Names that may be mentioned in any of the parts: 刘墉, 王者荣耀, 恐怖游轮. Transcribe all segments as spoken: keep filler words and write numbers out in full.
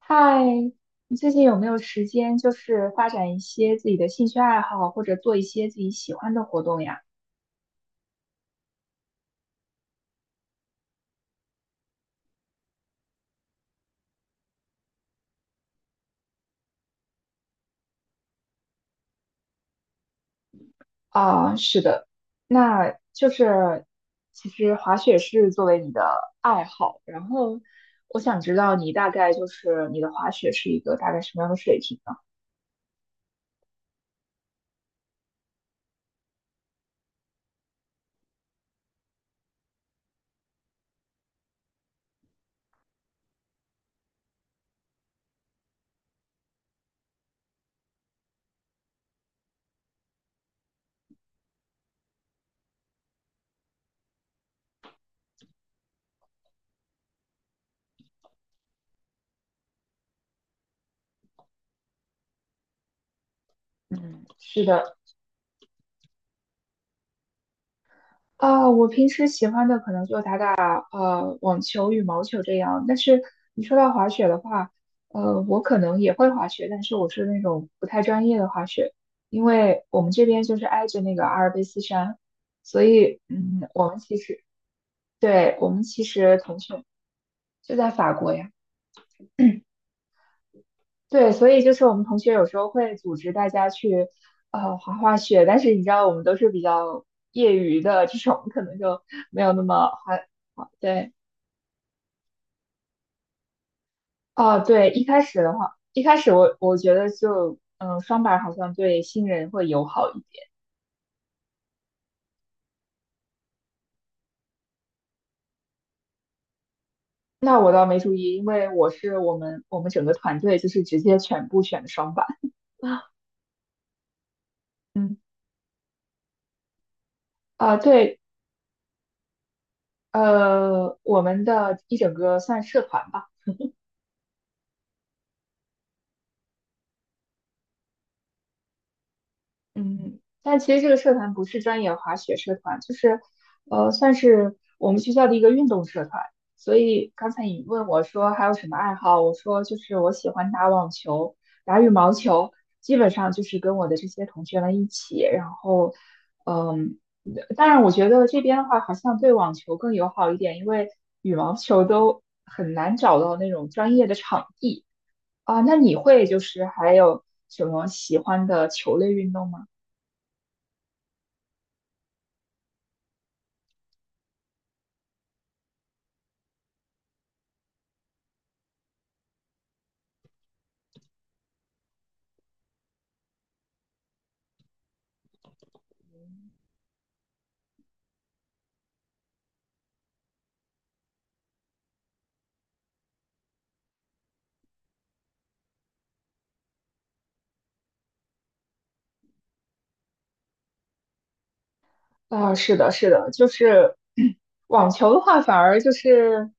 嗨，你最近有没有时间，就是发展一些自己的兴趣爱好，或者做一些自己喜欢的活动呀？啊，是的，那就是其实滑雪是作为你的爱好，然后我想知道你大概就是你的滑雪是一个大概什么样的水平呢？嗯，是的，啊，我平时喜欢的可能就打打呃网球、羽毛球这样。但是你说到滑雪的话，呃，我可能也会滑雪，但是我是那种不太专业的滑雪，因为我们这边就是挨着那个阿尔卑斯山，所以嗯，我们其实对我们其实同学就在法国呀，对，所以就是我们同学有时候会组织大家去呃滑滑雪，但是你知道我们都是比较业余的这种，可能就没有那么滑，滑对。哦，对，一开始的话，一开始我我觉得就，嗯，双板好像对新人会友好一点。那我倒没注意，因为我是我们我们整个团队就是直接全部选的双板。嗯，啊，对，呃，我们的一整个算社团吧。嗯，但其实这个社团不是专业滑雪社团，就是，呃，算是我们学校的一个运动社团。所以刚才你问我说还有什么爱好，我说就是我喜欢打网球、打羽毛球，基本上就是跟我的这些同学们一起。然后，嗯，当然我觉得这边的话好像对网球更友好一点，因为羽毛球都很难找到那种专业的场地啊。那你会就是还有什么喜欢的球类运动吗？啊，是的，是的，就是 网球的话，反而就是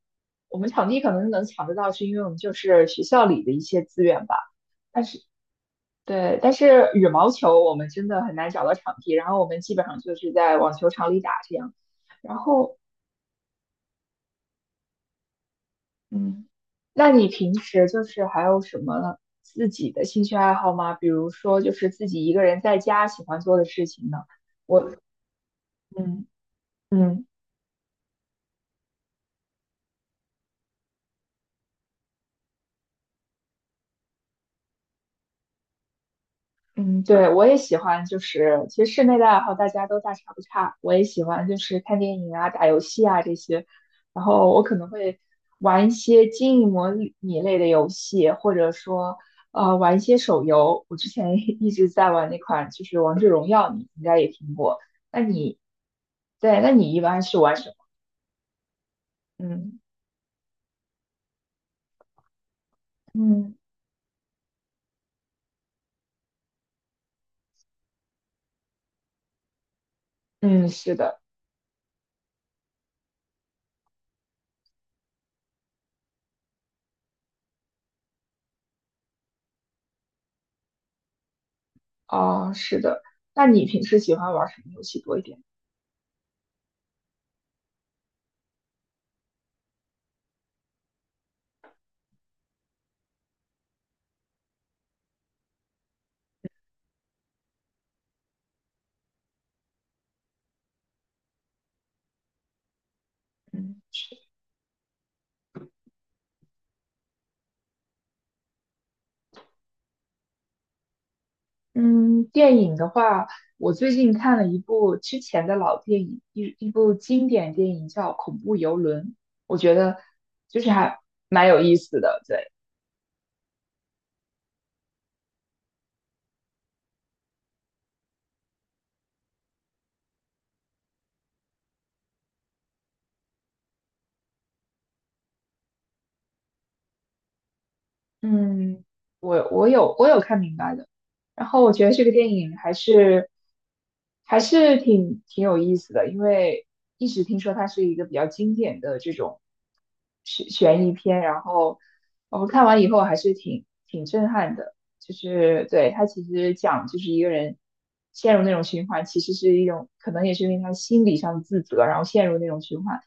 我们场地可能能抢得到，是因为我们就是学校里的一些资源吧。对，但是羽毛球我们真的很难找到场地，然后我们基本上就是在网球场里打这样。然后，嗯，那你平时就是还有什么自己的兴趣爱好吗？比如说，就是自己一个人在家喜欢做的事情呢？我，嗯嗯。嗯，对，我也喜欢，就是其实室内的爱好大家都大差不差。我也喜欢就是看电影啊、打游戏啊这些，然后我可能会玩一些经营模拟类的游戏，或者说呃玩一些手游。我之前 一直在玩那款就是《王者荣耀》，你应该也听过。那你对，那你一般是玩什么？嗯嗯，嗯，是的，哦，是的。那你平时喜欢玩什么游戏多一点？嗯嗯，电影的话，我最近看了一部之前的老电影，一一部经典电影叫《恐怖游轮》，我觉得就是还蛮有意思的。对。嗯，我我有我有看明白的，然后我觉得这个电影还是还是挺挺有意思的，因为一直听说它是一个比较经典的这种悬悬疑片，然后我们看完以后还是挺挺震撼的，就是对它其实讲就是一个人陷入那种循环，其实是一种可能也是因为他心理上的自责，然后陷入那种循环，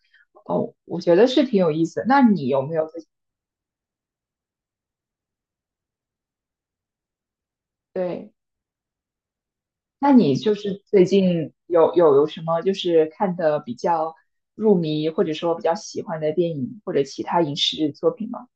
哦，我觉得是挺有意思的。那你有没有对？那你就是最近有有有什么就是看的比较入迷，或者说比较喜欢的电影或者其他影视作品吗？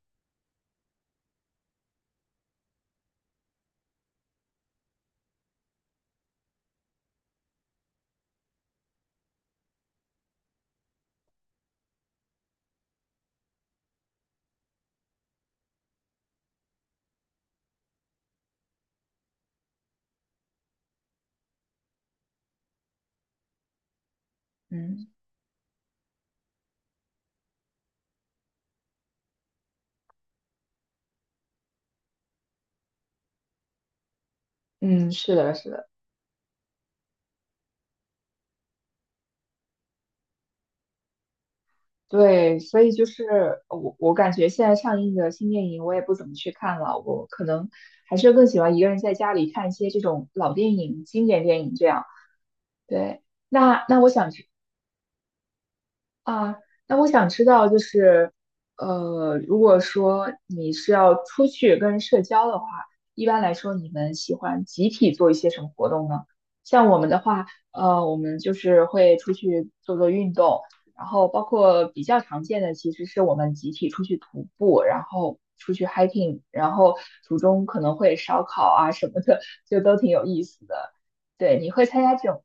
嗯嗯，是的，是的，对，所以就是我我感觉现在上映的新电影我也不怎么去看了，我可能还是更喜欢一个人在家里看一些这种老电影、经典电影这样。对，那那我想去。啊，那我想知道，就是，呃，如果说你是要出去跟人社交的话，一般来说你们喜欢集体做一些什么活动呢？像我们的话，呃，我们就是会出去做做运动，然后包括比较常见的，其实是我们集体出去徒步，然后出去 hiking，然后途中可能会烧烤啊什么的，就都挺有意思的。对，你会参加这种？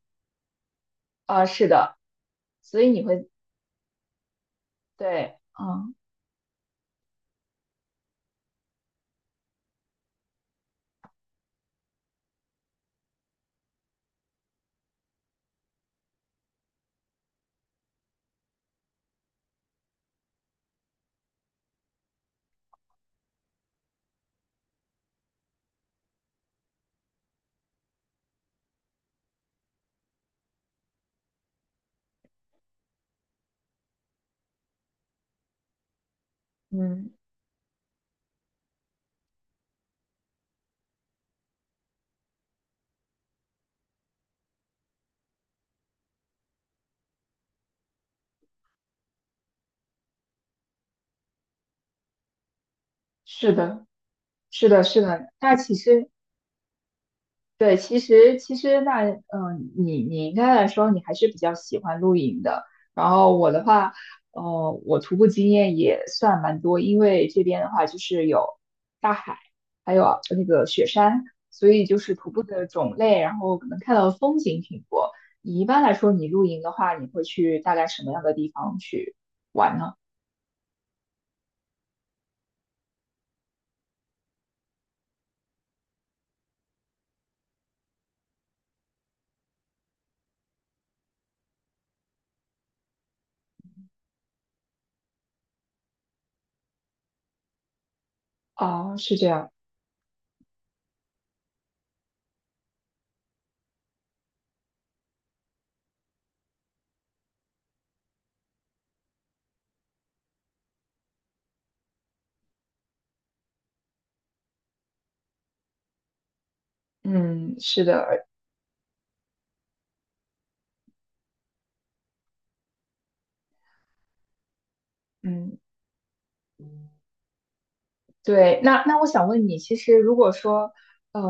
啊，是的，所以你会，对，嗯。嗯，是的，是的，是的。那其实，对，其实其实那，嗯、你你应该来说，你还是比较喜欢露营的。然后我的话，呃，我徒步经验也算蛮多，因为这边的话就是有大海，还有呃那个雪山，所以就是徒步的种类，然后可能看到的风景挺多。你一般来说，你露营的话，你会去大概什么样的地方去玩呢？哦，是这样，嗯，是的，嗯。对，那那我想问你，其实如果说，呃，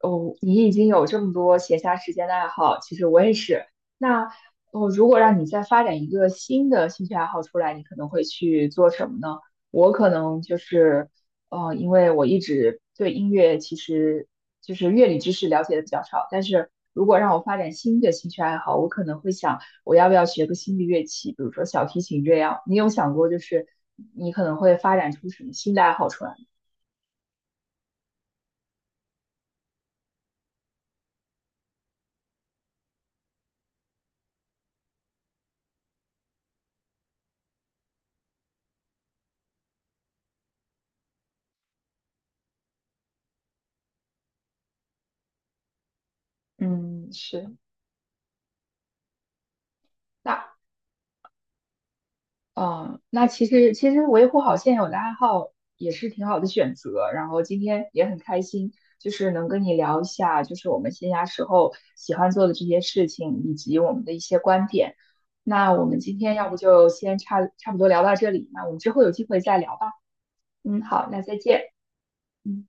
哦，你已经有这么多闲暇时间的爱好，其实我也是。那哦，如果让你再发展一个新的兴趣爱好出来，你可能会去做什么呢？我可能就是，呃，因为我一直对音乐其实就是乐理知识了解的比较少，但是如果让我发展新的兴趣爱好，我可能会想。我要不要学个新的乐器，比如说小提琴这样？你有想过，就是你可能会发展出什么新的爱好出来吗？嗯，是。那嗯，那其实其实维护好现有的爱好也是挺好的选择。然后今天也很开心，就是能跟你聊一下，就是我们闲暇时候喜欢做的这些事情，以及我们的一些观点。那我们今天要不就先差差不多聊到这里，那我们之后有机会再聊吧。嗯，好，那再见。嗯。